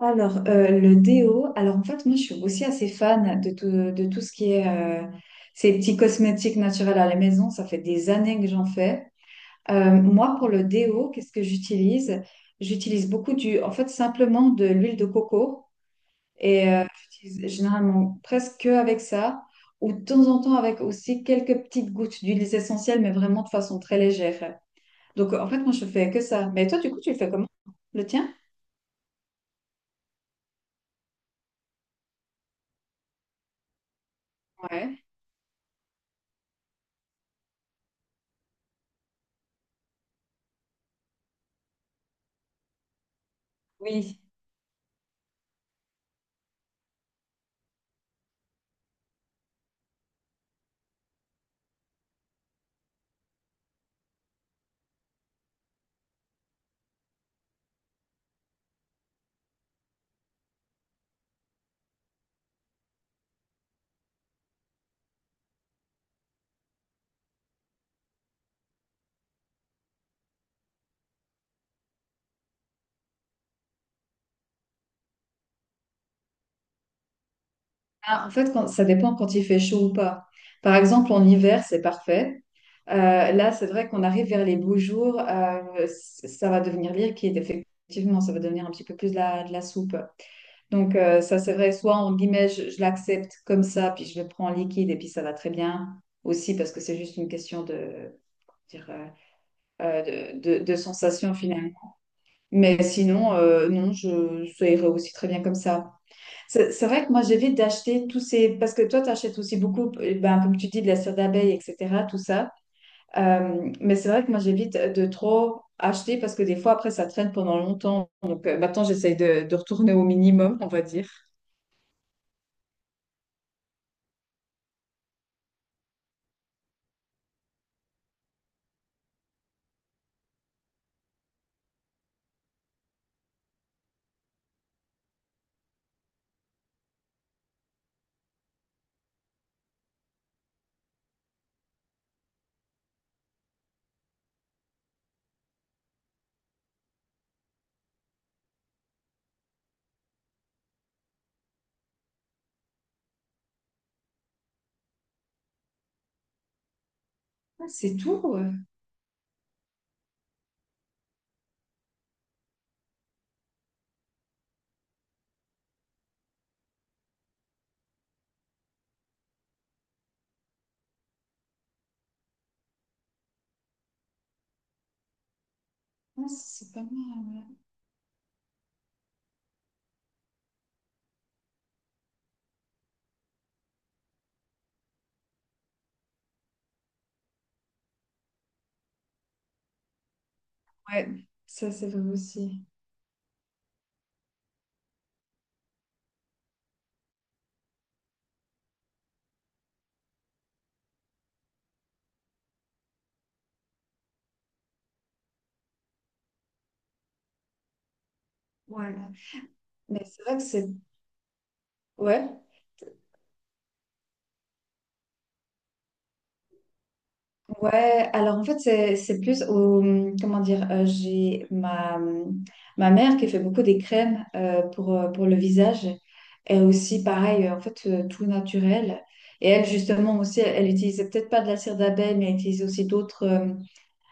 Alors, le déo, alors en fait, moi, je suis aussi assez fan de tout ce qui est ces petits cosmétiques naturels à la maison. Ça fait des années que j'en fais. Moi, pour le déo, qu'est-ce que j'utilise? J'utilise beaucoup du, en fait, simplement de l'huile de coco. Et j'utilise généralement presque que avec ça, ou de temps en temps avec aussi quelques petites gouttes d'huiles essentielles, mais vraiment de façon très légère. Donc, en fait, moi, je fais que ça. Mais toi, du coup, tu le fais comment? Le tien? Ouais. Oui. Ah, en fait, ça dépend quand il fait chaud ou pas. Par exemple, en hiver, c'est parfait. Là, c'est vrai qu'on arrive vers les beaux jours, ça va devenir liquide, effectivement, ça va devenir un petit peu plus de la soupe. Donc, ça, c'est vrai, soit en guillemets, je l'accepte comme ça, puis je le prends en liquide, et puis ça va très bien aussi, parce que c'est juste une question de, dire, de sensation finalement. Mais sinon, non, je, ça irait aussi très bien comme ça. C'est vrai que moi, j'évite d'acheter tous ces... Parce que toi, tu achètes aussi beaucoup, ben, comme tu dis, de la cire d'abeille, etc., tout ça. Mais c'est vrai que moi, j'évite de trop acheter parce que des fois, après, ça traîne pendant longtemps. Donc, maintenant, j'essaye de retourner au minimum, on va dire. Ah, c'est tout. Ouais. Ah, c'est pas mal. Ouais, ça, c'est vrai aussi. Ouais. Mais c'est vrai que c'est... Ouais. Ouais, alors en fait, c'est plus au, mmh, comment dire, j'ai ma, mmh, ma mère qui fait beaucoup des crèmes pour le visage. Elle aussi, pareil, en fait, tout naturel. Et elle, justement, aussi, elle utilisait peut-être pas de la cire d'abeille, mais elle utilise aussi d'autres,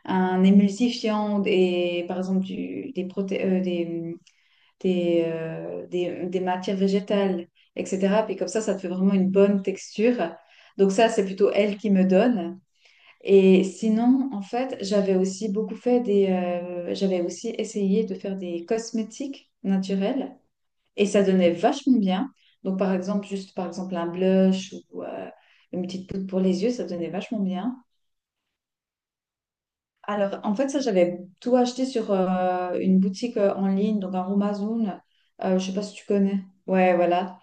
un émulsifiant et par exemple du, des, mmh, des matières végétales, etc. Puis comme ça te fait vraiment une bonne texture. Donc ça, c'est plutôt elle qui me donne. Et sinon, en fait, j'avais aussi beaucoup fait des, j'avais aussi essayé de faire des cosmétiques naturels et ça donnait vachement bien. Donc, par exemple, juste par exemple un blush ou une petite poudre pour les yeux, ça donnait vachement bien. Alors, en fait, ça, j'avais tout acheté sur une boutique en ligne, donc un Amazon. Je sais pas si tu connais. Ouais, voilà.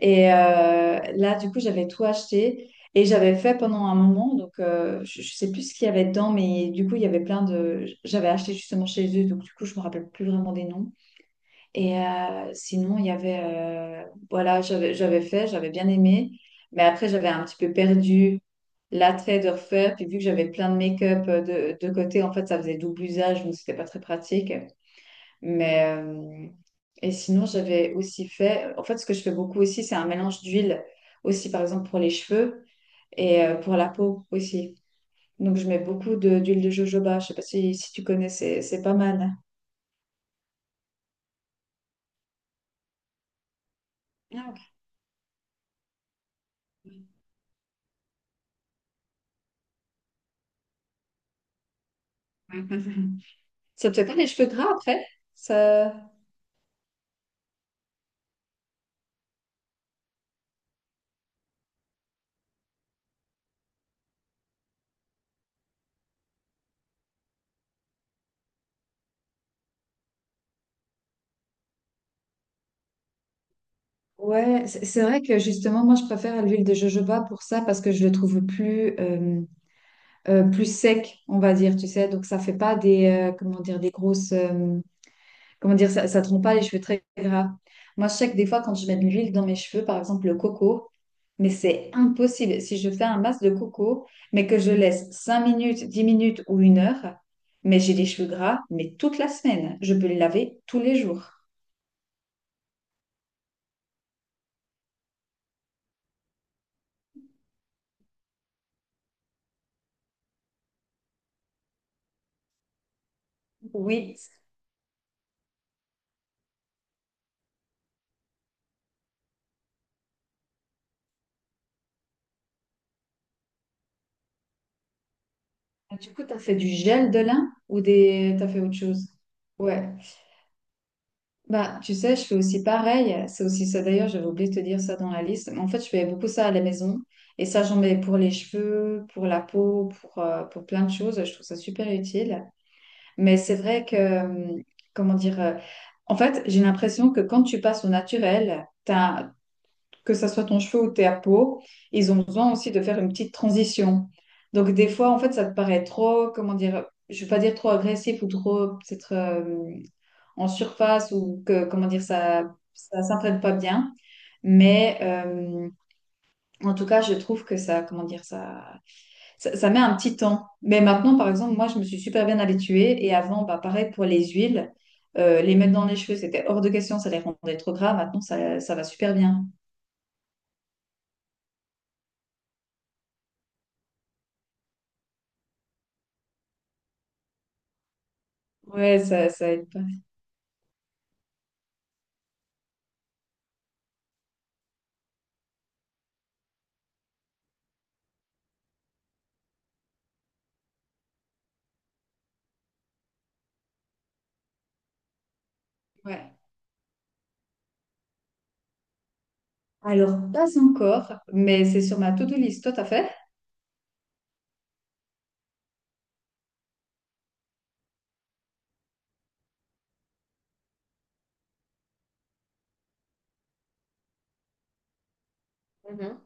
Et là, du coup, j'avais tout acheté et j'avais fait pendant un moment. Donc, je sais plus ce qu'il y avait dedans, mais du coup, il y avait plein de. J'avais acheté justement chez eux, donc du coup, je me rappelle plus vraiment des noms. Et sinon, il y avait. Voilà, j'avais fait, j'avais bien aimé, mais après, j'avais un petit peu perdu l'attrait de refaire. Puis, vu que j'avais plein de make-up de côté, en fait, ça faisait double usage, donc c'était pas très pratique. Mais, et sinon, j'avais aussi fait, en fait, ce que je fais beaucoup aussi, c'est un mélange d'huile, aussi par exemple pour les cheveux et pour la peau aussi. Donc, je mets beaucoup d'huile de jojoba. Je sais pas si, si tu connais, c'est pas mal. Ah, ok. Ça te fait pas les cheveux gras après? Ça... Ouais, c'est vrai que justement, moi, je préfère l'huile de jojoba pour ça parce que je le trouve plus, plus sec, on va dire, tu sais. Donc, ça fait pas des, comment dire, des grosses, comment dire, ça te rend pas les cheveux très gras. Moi, je sais que des fois, quand je mets de l'huile dans mes cheveux, par exemple le coco, mais c'est impossible. Si je fais un masque de coco, mais que je laisse 5 minutes, 10 minutes ou une heure, mais j'ai les cheveux gras, mais toute la semaine. Je peux les laver tous les jours. Oui. Du coup, tu as fait du gel de lin ou des... tu as fait autre chose? Ouais. Bah, tu sais, je fais aussi pareil. C'est aussi ça. D'ailleurs, j'avais oublié de te dire ça dans la liste. Mais en fait, je fais beaucoup ça à la maison. Et ça, j'en mets pour les cheveux, pour la peau, pour plein de choses. Je trouve ça super utile. Mais c'est vrai que, comment dire, en fait, j'ai l'impression que quand tu passes au naturel, que ça soit ton cheveu ou ta peau, ils ont besoin aussi de faire une petite transition. Donc, des fois, en fait, ça te paraît trop, comment dire, je ne vais pas dire trop agressif ou trop, peut-être. En surface ou que, comment dire, ça s'entraîne pas bien. Mais en tout cas, je trouve que ça, comment dire, ça met un petit temps. Mais maintenant, par exemple, moi, je me suis super bien habituée. Et avant, bah, pareil pour les huiles, les mettre dans les cheveux, c'était hors de question, ça les rendait trop gras. Maintenant, ça va super bien. Ouais, ça aide pas. Ouais. Alors, pas encore, mais c'est sur ma to-do list. Toi, t'as fait? Mhm.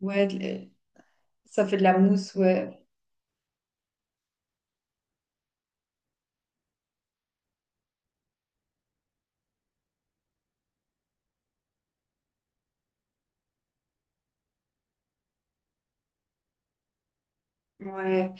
Ouais, ça fait de la mousse, ouais. Ouais.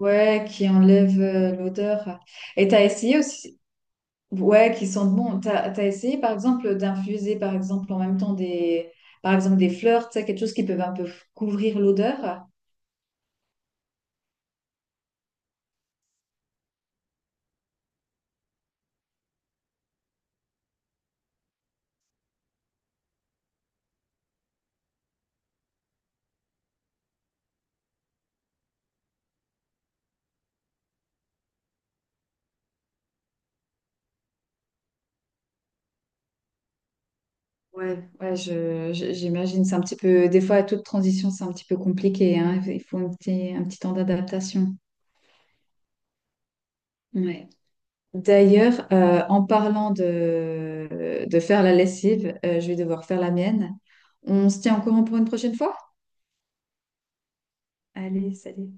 Ouais, qui enlève l'odeur. Et t'as essayé aussi, ouais, qui sentent bon. T'as essayé, par exemple, d'infuser, par exemple, en même temps des, par exemple, des fleurs, tu sais, quelque chose qui peut un peu couvrir l'odeur. Ouais. Ouais, j'imagine, c'est un petit peu, des fois, toute transition, c'est un petit peu compliqué, hein. Il faut un petit temps d'adaptation. Ouais. D'ailleurs, en parlant de faire la lessive, je vais devoir faire la mienne. On se tient au courant pour une prochaine fois? Allez, salut.